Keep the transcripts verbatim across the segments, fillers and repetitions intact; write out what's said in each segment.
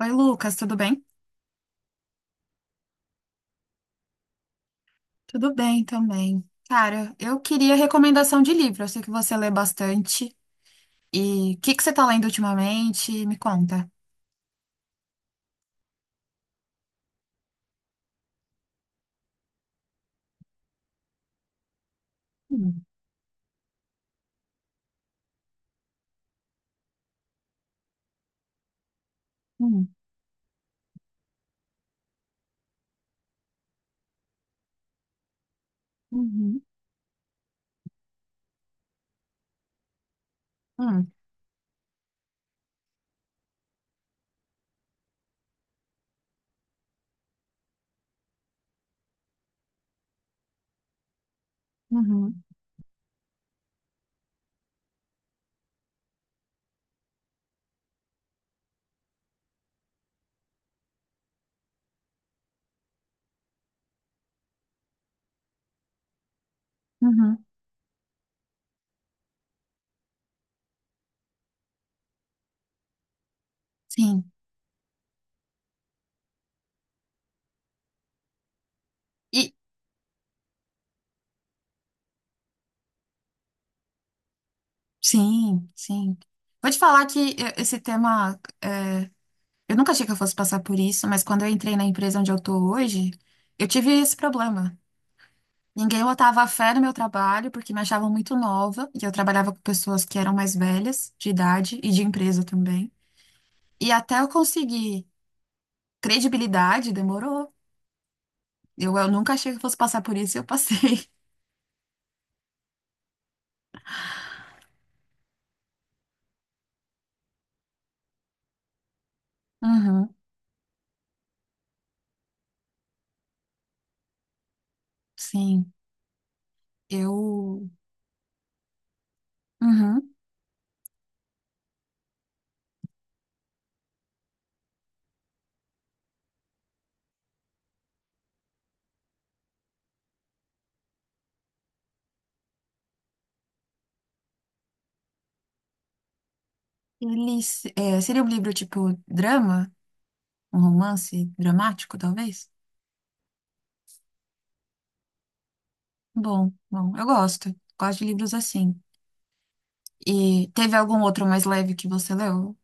Oi, Lucas, tudo bem? Tudo bem também. Cara, eu queria recomendação de livro. Eu sei que você lê bastante. E o que que você tá lendo ultimamente? Me conta. Hum, hum, uhum, Hum, uhum, uhum. Sim. E sim, sim. Vou te falar que eu- esse tema, eu nunca achei que eu fosse passar por isso, mas quando eu entrei na empresa onde eu tô hoje, eu tive esse problema. Ninguém botava fé no meu trabalho porque me achavam muito nova e eu trabalhava com pessoas que eram mais velhas, de idade e de empresa também. E até eu conseguir credibilidade, demorou. Eu, eu nunca achei que fosse passar por isso e eu passei. Uhum. Sim. Eu. Uhum. Ele, se- é, seria um livro tipo drama? Um romance dramático, talvez? Bom, bom, eu gosto. Gosto de livros assim. E teve algum outro mais leve que você leu?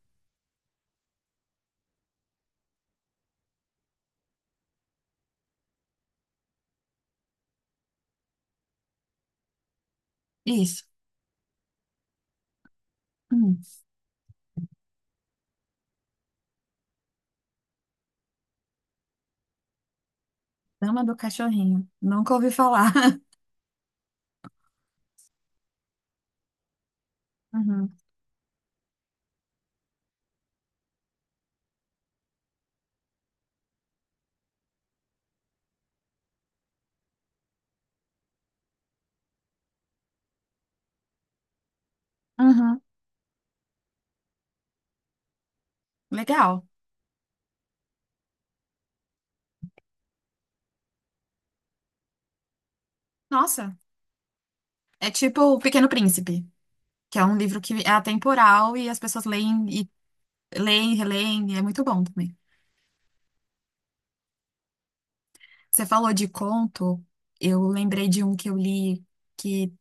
Isso. Hum. Dama do Cachorrinho. Nunca ouvi falar. Uhum. Uhum. Legal. Nossa, é tipo O Pequeno Príncipe, que é um livro que é atemporal e as pessoas leem e leem, releem, e é muito bom também. Você falou de conto, eu lembrei de um que eu li que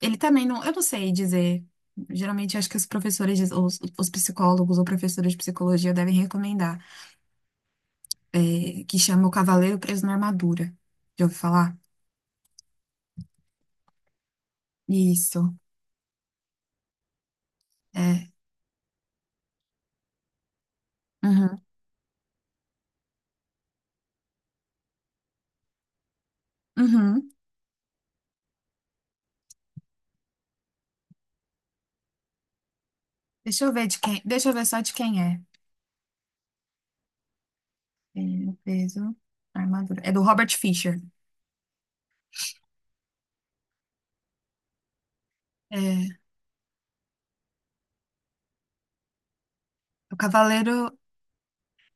ele também não, eu não sei dizer. Geralmente acho que os professores, diz- os, os psicólogos ou professores de psicologia devem recomendar, é, que chama O Cavaleiro Preso na Armadura. Já ouviu falar? Isso. É. Uhum. Uhum. Deixa eu ver de quem. Deixa eu ver só de quem é. Ele peso, armadura. É do Robert Fisher. É, o Cavaleiro.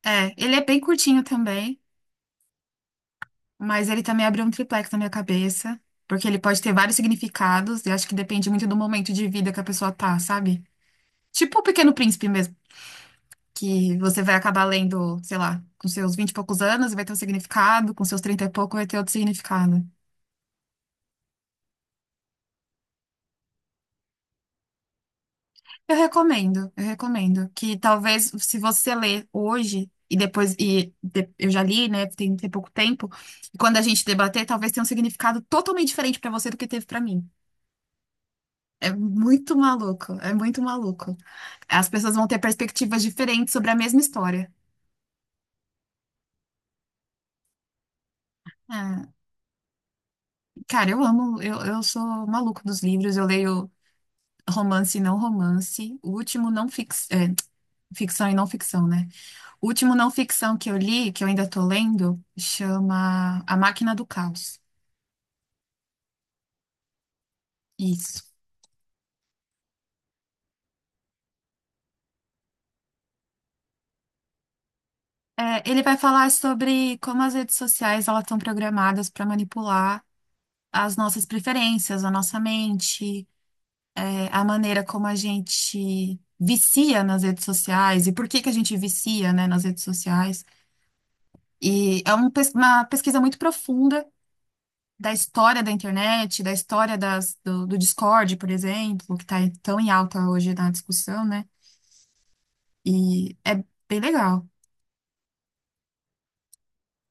É, ele é bem curtinho também, mas ele também abriu um triplex na minha cabeça, porque ele pode ter vários significados, e acho que depende muito do momento de vida que a pessoa tá, sabe? Tipo o Pequeno Príncipe mesmo, que você vai acabar lendo, sei lá, com seus vinte e poucos anos e vai ter um significado, com seus trinta e pouco vai ter outro significado. Eu recomendo, eu recomendo que talvez se você ler hoje e depois e de- eu já li, né, tem, tem pouco tempo, e quando a gente debater, talvez tenha um significado totalmente diferente pra você do que teve pra mim. É muito maluco, é muito maluco. As pessoas vão ter perspectivas diferentes sobre a mesma história. É, cara, eu amo, eu, eu sou maluco dos livros, eu leio romance e não romance, o último não fix, é, ficção e não ficção, né? O último não ficção que eu li, que eu ainda tô lendo, chama A Máquina do Caos. Isso. É, ele vai falar sobre como as redes sociais elas estão programadas para manipular as nossas preferências, a nossa mente, é, a maneira como a gente vicia nas redes sociais e por que que a gente vicia, né, nas redes sociais. E é um pes- uma pesquisa muito profunda da história da internet, da história das- do, do Discord, por exemplo, que está tão em alta hoje na discussão, né? E é bem legal.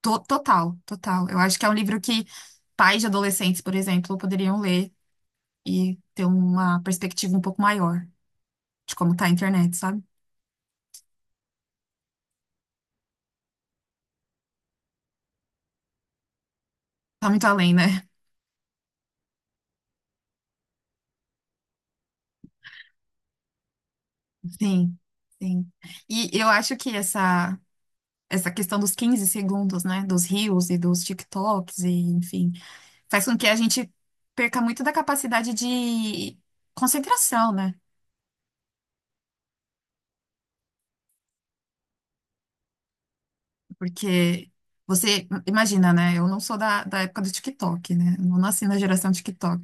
To- Total, total. Eu acho que é um livro que pais de adolescentes, por exemplo, poderiam ler e ter uma perspectiva um pouco maior de como tá a internet, sabe? Tá muito além, né? Sim, sim. E eu acho que essa, essa questão dos quinze segundos, né? Dos reels e dos TikToks, e, enfim, faz com que a gente perca muito da capacidade de concentração, né? Porque você, imagina, né? Eu não sou da, da época do TikTok, né? Eu não nasci na geração TikTok.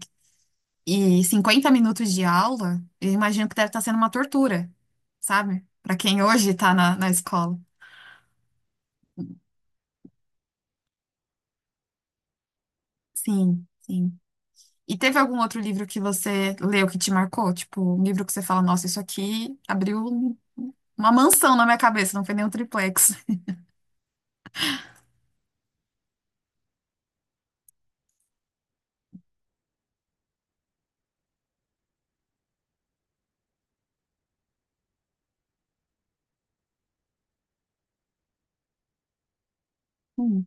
E cinquenta minutos de aula, eu imagino que deve estar sendo uma tortura, sabe? Para quem hoje está na, na escola. Sim, sim. E teve algum outro livro que você leu que te marcou? Tipo, um livro que você fala, nossa, isso aqui abriu um- uma mansão na minha cabeça, não foi nem um triplex. Hum,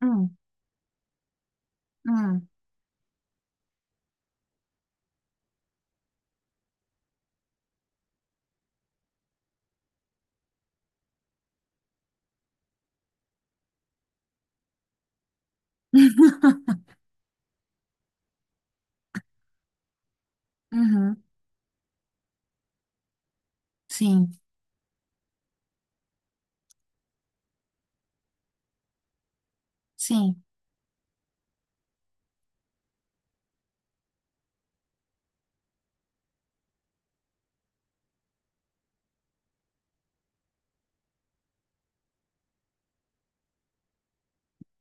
hum, hum. Uhum. Sim, sim.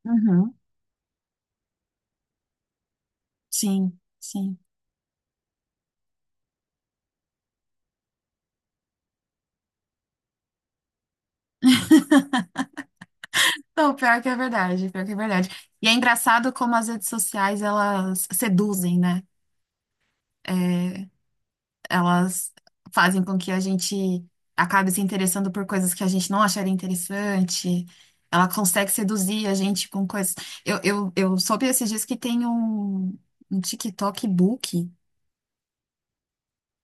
Uhum. Sim, sim. Não, pior que é verdade, pior que é verdade. E é engraçado como as redes sociais, elas seduzem, né? É, Elas fazem com que a gente acabe se interessando por coisas que a gente não acharia interessante. Ela consegue seduzir a gente com coisas... Eu, eu, eu soube esses dias que tem um, um TikTok Book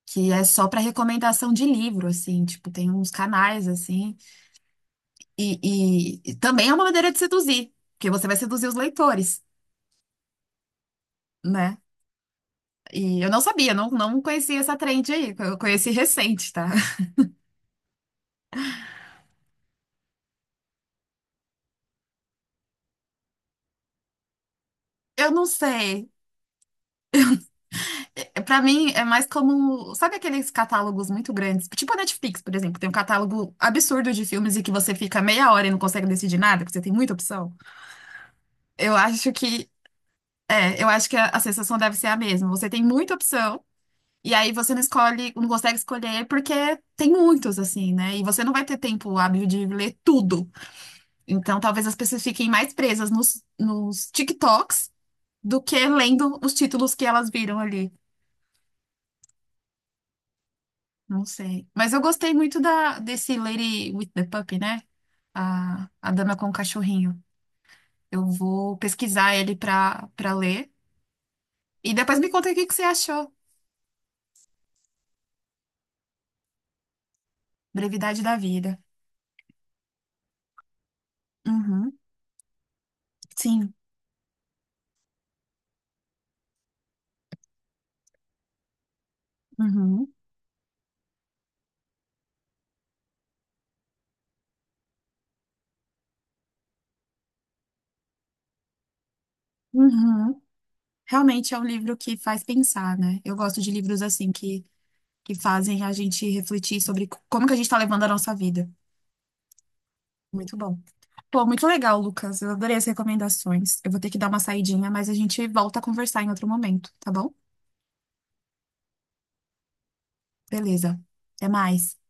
que é só para recomendação de livro, assim. Tipo, tem uns canais, assim. E, e e também é uma maneira de seduzir, porque você vai seduzir os leitores, né? E eu não sabia, não, não conhecia essa trend aí, eu conheci recente, tá? Eu não sei. É, Pra mim é mais como, sabe aqueles catálogos muito grandes, tipo a Netflix, por exemplo, tem um catálogo absurdo de filmes e que você fica meia hora e não consegue decidir nada, porque você tem muita opção. Eu acho que é, eu acho que a, a sensação deve ser a mesma. Você tem muita opção e aí você não escolhe, não consegue escolher porque tem muitos assim, né? E você não vai ter tempo hábil de ler tudo. Então, talvez as pessoas fiquem mais presas nos, nos TikToks do que lendo os títulos que elas viram ali. Não sei. Mas eu gostei muito da, desse Lady with the Puppy, né? A, a Dama com o Cachorrinho. Eu vou pesquisar ele pra, pra ler. E depois me conta o que que você achou. Brevidade da Vida. Uhum, sim. Uhum, uhum. Realmente é um livro que faz pensar, né? Eu gosto de livros assim que, que fazem a gente refletir sobre c- como que a gente está levando a nossa vida. Muito bom. Pô, muito legal, Lucas. Eu adorei as recomendações. Eu vou ter que dar uma saidinha, mas a gente volta a conversar em outro momento, tá bom? Beleza. Até mais.